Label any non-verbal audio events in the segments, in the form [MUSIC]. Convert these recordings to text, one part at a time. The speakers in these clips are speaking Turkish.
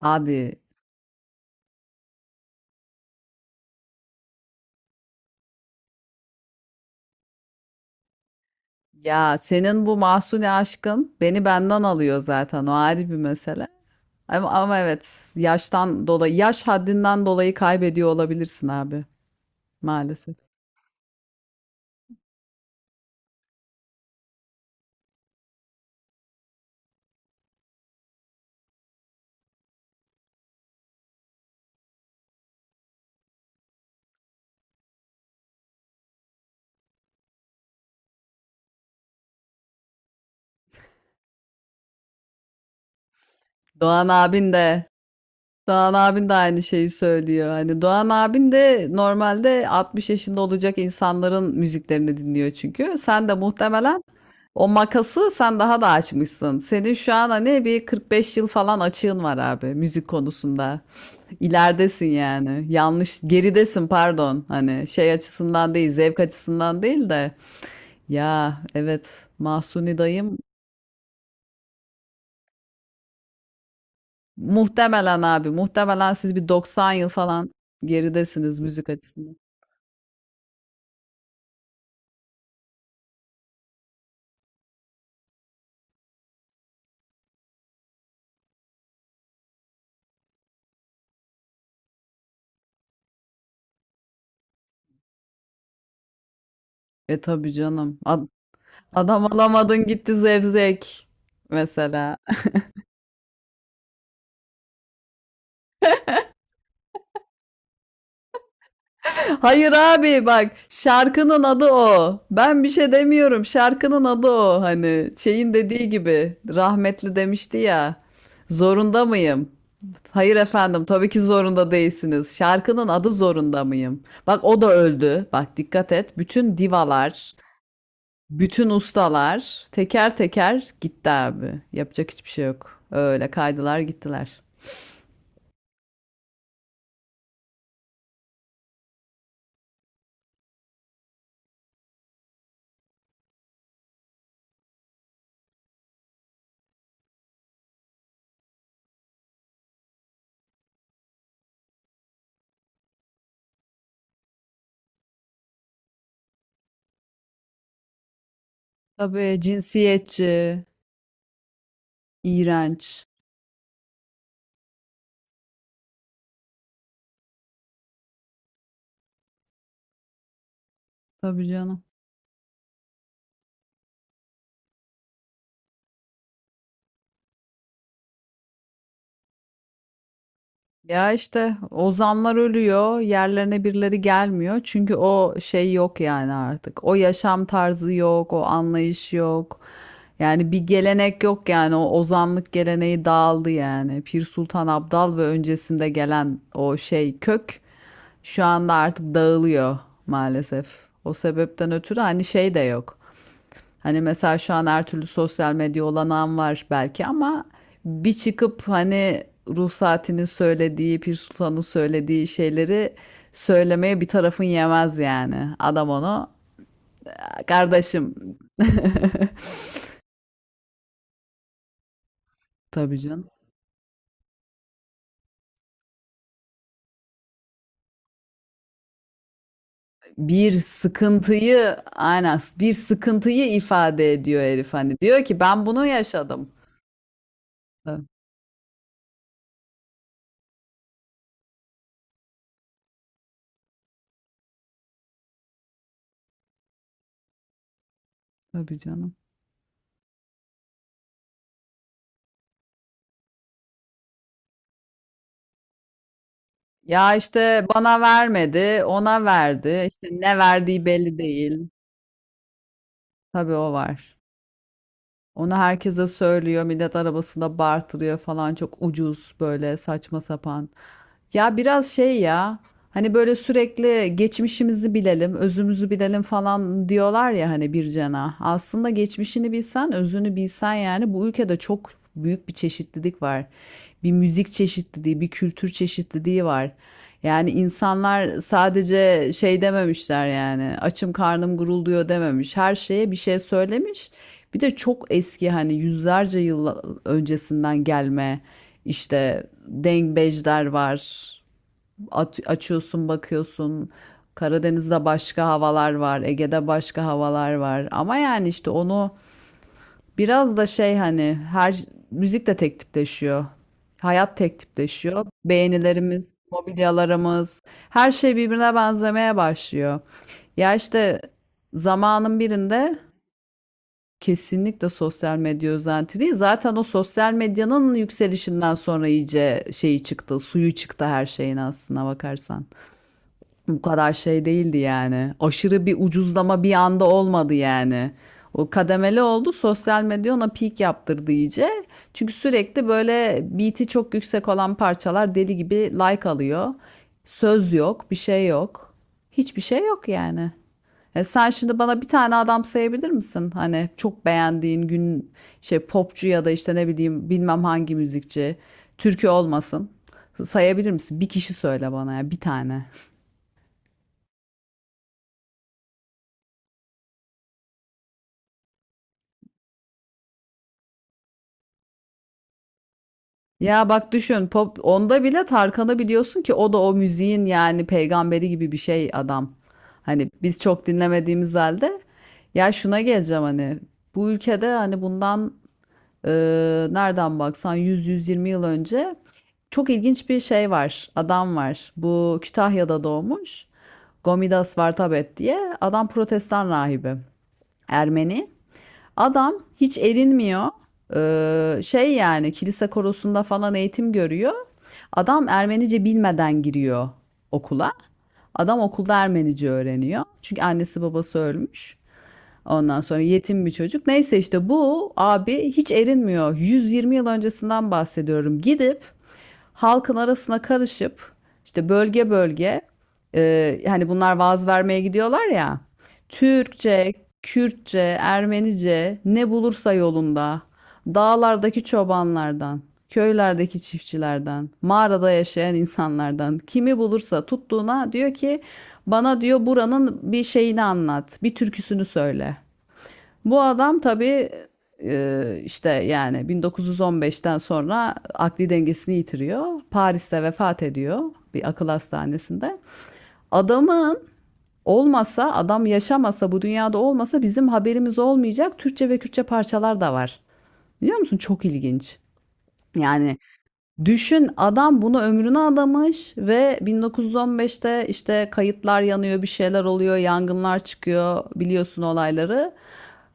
Abi ya senin bu Mahsuni aşkın beni benden alıyor zaten o ayrı bir mesele. Ama evet yaştan dolayı yaş haddinden dolayı kaybediyor olabilirsin abi maalesef. Doğan abin de Doğan abin de aynı şeyi söylüyor. Hani Doğan abin de normalde 60 yaşında olacak insanların müziklerini dinliyor çünkü. Sen de muhtemelen o makası sen daha da açmışsın. Senin şu an hani bir 45 yıl falan açığın var abi müzik konusunda. İleridesin yani. Yanlış, geridesin pardon. Hani şey açısından değil, zevk açısından değil de. Ya evet, Mahsuni dayım muhtemelen abi, muhtemelen siz bir 90 yıl falan geridesiniz müzik açısından. E tabii canım. Adam alamadın gitti zevzek mesela. Hayır abi bak şarkının adı o. Ben bir şey demiyorum. Şarkının adı o. Hani şeyin dediği gibi rahmetli demişti ya. Zorunda mıyım? Hayır efendim tabii ki zorunda değilsiniz. Şarkının adı zorunda mıyım? Bak o da öldü. Bak dikkat et. Bütün divalar, bütün ustalar teker teker gitti abi. Yapacak hiçbir şey yok. Öyle kaydılar gittiler. Tabii cinsiyetçi, iğrenç. Tabii canım. Ya işte ozanlar ölüyor, yerlerine birileri gelmiyor. Çünkü o şey yok yani artık. O yaşam tarzı yok, o anlayış yok. Yani bir gelenek yok yani o ozanlık geleneği dağıldı yani. Pir Sultan Abdal ve öncesinde gelen o şey kök şu anda artık dağılıyor maalesef. O sebepten ötürü hani şey de yok. Hani mesela şu an her türlü sosyal medya olanağım var belki ama bir çıkıp hani ruh saatinin söylediği, Pir Sultan'ın söylediği şeyleri söylemeye bir tarafın yemez yani. Adam onu kardeşim tabii canım. Bir sıkıntıyı aynen bir sıkıntıyı ifade ediyor herif hani. Diyor ki ben bunu yaşadım. Ta- Tabii canım. Ya işte bana vermedi, ona verdi. İşte ne verdiği belli değil. Tabii o var. Onu herkese söylüyor. Millet arabasında bartırıyor falan. Çok ucuz böyle saçma sapan. Ya biraz şey ya. Hani böyle sürekli geçmişimizi bilelim, özümüzü bilelim falan diyorlar ya hani bir cana. Aslında geçmişini bilsen, özünü bilsen yani bu ülkede çok büyük bir çeşitlilik var. Bir müzik çeşitliliği, bir kültür çeşitliliği var. Yani insanlar sadece şey dememişler yani açım karnım gurulduyor dememiş. Her şeye bir şey söylemiş. Bir de çok eski hani yüzlerce yıl öncesinden gelme işte dengbejler var. Açıyorsun bakıyorsun. Karadeniz'de başka havalar var, Ege'de başka havalar var. Ama yani işte onu biraz da şey hani her müzik de tek tipleşiyor. Hayat tek tipleşiyor. Beğenilerimiz, mobilyalarımız, her şey birbirine benzemeye başlıyor. Ya işte zamanın birinde kesinlikle sosyal medya özenti. Zaten o sosyal medyanın yükselişinden sonra iyice şeyi çıktı, suyu çıktı her şeyin aslına bakarsan. Bu kadar şey değildi yani. Aşırı bir ucuzlama bir anda olmadı yani. O kademeli oldu. Sosyal medya ona peak yaptırdı iyice. Çünkü sürekli böyle beat'i çok yüksek olan parçalar deli gibi like alıyor. Söz yok, bir şey yok. Hiçbir şey yok yani. E sen şimdi bana bir tane adam sayabilir misin? Hani çok beğendiğin gün şey popçu ya da işte ne bileyim bilmem hangi müzikçi. Türkü olmasın. Sayabilir misin? Bir kişi söyle bana ya bir tane. [LAUGHS] Ya bak düşün pop onda bile Tarkan'ı biliyorsun ki o da o müziğin yani peygamberi gibi bir şey adam. Hani biz çok dinlemediğimiz halde ya şuna geleceğim hani bu ülkede hani bundan nereden baksan 100-120 yıl önce çok ilginç bir şey var. Adam var. Bu Kütahya'da doğmuş. Gomidas Vartabet diye. Adam protestan rahibi. Ermeni. Adam hiç erinmiyor. Şey yani kilise korosunda falan eğitim görüyor. Adam Ermenice bilmeden giriyor okula. Adam okulda Ermenice öğreniyor. Çünkü annesi babası ölmüş. Ondan sonra yetim bir çocuk. Neyse işte bu abi hiç erinmiyor. 120 yıl öncesinden bahsediyorum. Gidip halkın arasına karışıp işte bölge bölge hani bunlar vaaz vermeye gidiyorlar ya. Türkçe, Kürtçe, Ermenice ne bulursa yolunda. Dağlardaki çobanlardan, köylerdeki çiftçilerden, mağarada yaşayan insanlardan kimi bulursa tuttuğuna diyor ki bana diyor buranın bir şeyini anlat, bir türküsünü söyle. Bu adam tabii işte yani 1915'ten sonra akli dengesini yitiriyor. Paris'te vefat ediyor bir akıl hastanesinde. Adamın olmasa, adam yaşamasa, bu dünyada olmasa bizim haberimiz olmayacak Türkçe ve Kürtçe parçalar da var. Biliyor musun? Çok ilginç. Yani düşün adam bunu ömrüne adamış ve 1915'te işte kayıtlar yanıyor, bir şeyler oluyor, yangınlar çıkıyor biliyorsun olayları.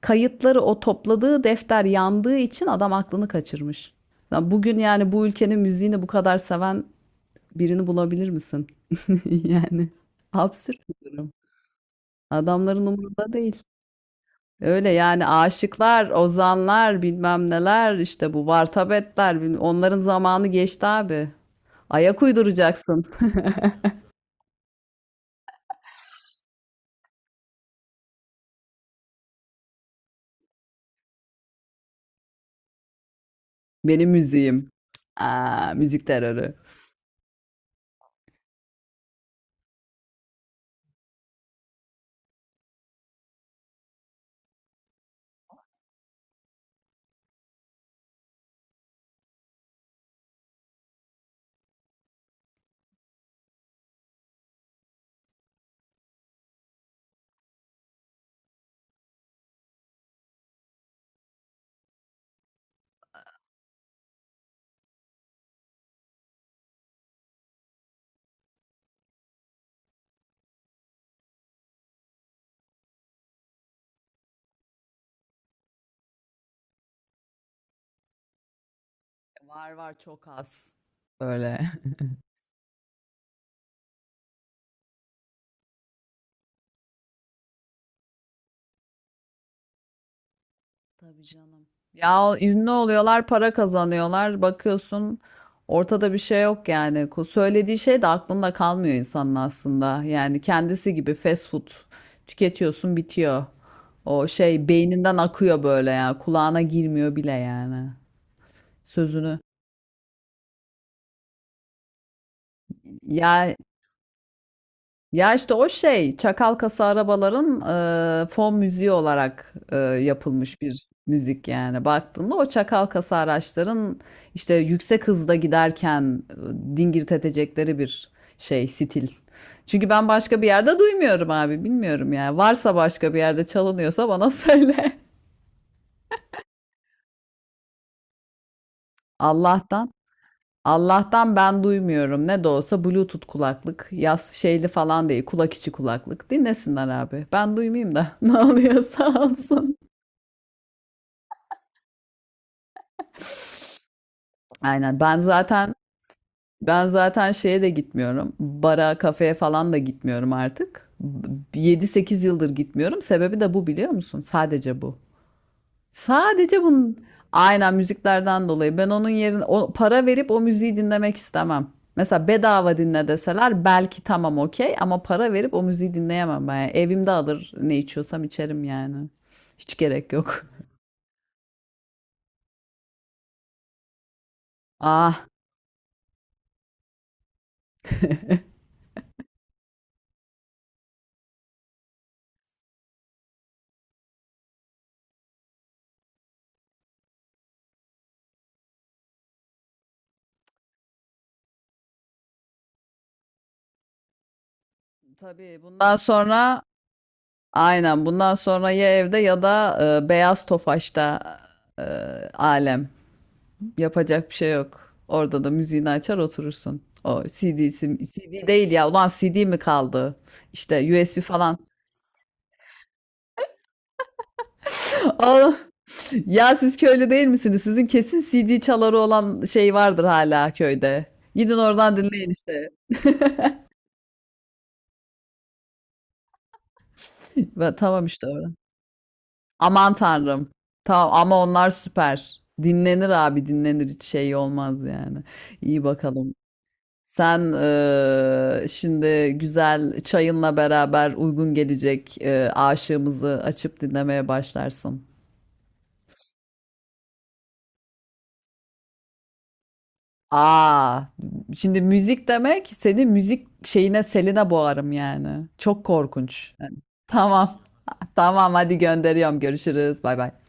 Kayıtları o topladığı defter yandığı için adam aklını kaçırmış. Bugün yani bu ülkenin müziğini bu kadar seven birini bulabilir misin? [LAUGHS] Yani absürt bir durum. Adamların umurunda değil. Öyle yani aşıklar, ozanlar, bilmem neler işte bu vartabetler, onların zamanı geçti abi. Ayak uyduracaksın. Benim müziğim. Müzik terörü. Var var çok az. Öyle. [LAUGHS] Tabii canım. Ya ünlü oluyorlar, para kazanıyorlar. Bakıyorsun ortada bir şey yok yani. Söylediği şey de aklında kalmıyor insanın aslında. Yani kendisi gibi fast food tüketiyorsun bitiyor. O şey beyninden akıyor böyle ya. Kulağına girmiyor bile yani. Sözünü. Ya ya işte o şey çakal kasa arabaların fon müziği olarak yapılmış bir müzik yani baktığında o çakal kasa araçların işte yüksek hızda giderken dingir edecekleri bir şey stil. Çünkü ben başka bir yerde duymuyorum abi bilmiyorum yani varsa başka bir yerde çalınıyorsa bana [LAUGHS] söyle. Allah'tan. Allah'tan ben duymuyorum. Ne de olsa Bluetooth kulaklık. Yaz şeyli falan değil. Kulak içi kulaklık. Dinlesinler abi. Ben duymayayım da [LAUGHS] ne oluyorsa olsun. Aynen. Ben zaten şeye de gitmiyorum. Bara, kafeye falan da gitmiyorum artık. 7-8 yıldır gitmiyorum. Sebebi de bu biliyor musun? Sadece bu. Sadece bunun aynen müziklerden dolayı ben onun yerine o, para verip o müziği dinlemek istemem. Mesela bedava dinle deseler belki tamam okey ama para verip o müziği dinleyemem ben. Yani evimde alır ne içiyorsam içerim yani. Hiç gerek yok. [LAUGHS] Ah, tabii bundan sonra aynen bundan sonra ya evde ya da Beyaz Tofaş'ta e, alem. Yapacak bir şey yok. Orada da müziğini açar oturursun. O CD'si, CD değil ya. Ulan CD mi kaldı? İşte USB falan. [LAUGHS] Aa, ya siz köylü değil misiniz? Sizin kesin CD çaları olan şey vardır hala köyde. Gidin oradan dinleyin işte. Ve tamam işte orada. Aman tanrım. Tamam ama onlar süper. Dinlenir abi dinlenir hiç şey olmaz yani. İyi bakalım. Sen şimdi güzel çayınla beraber uygun gelecek aşığımızı açıp dinlemeye başlarsın. Aa, şimdi müzik demek seni müzik şeyine seline boğarım yani. Çok korkunç. Tamam. [LAUGHS] Tamam hadi gönderiyorum. Görüşürüz. Bay bay.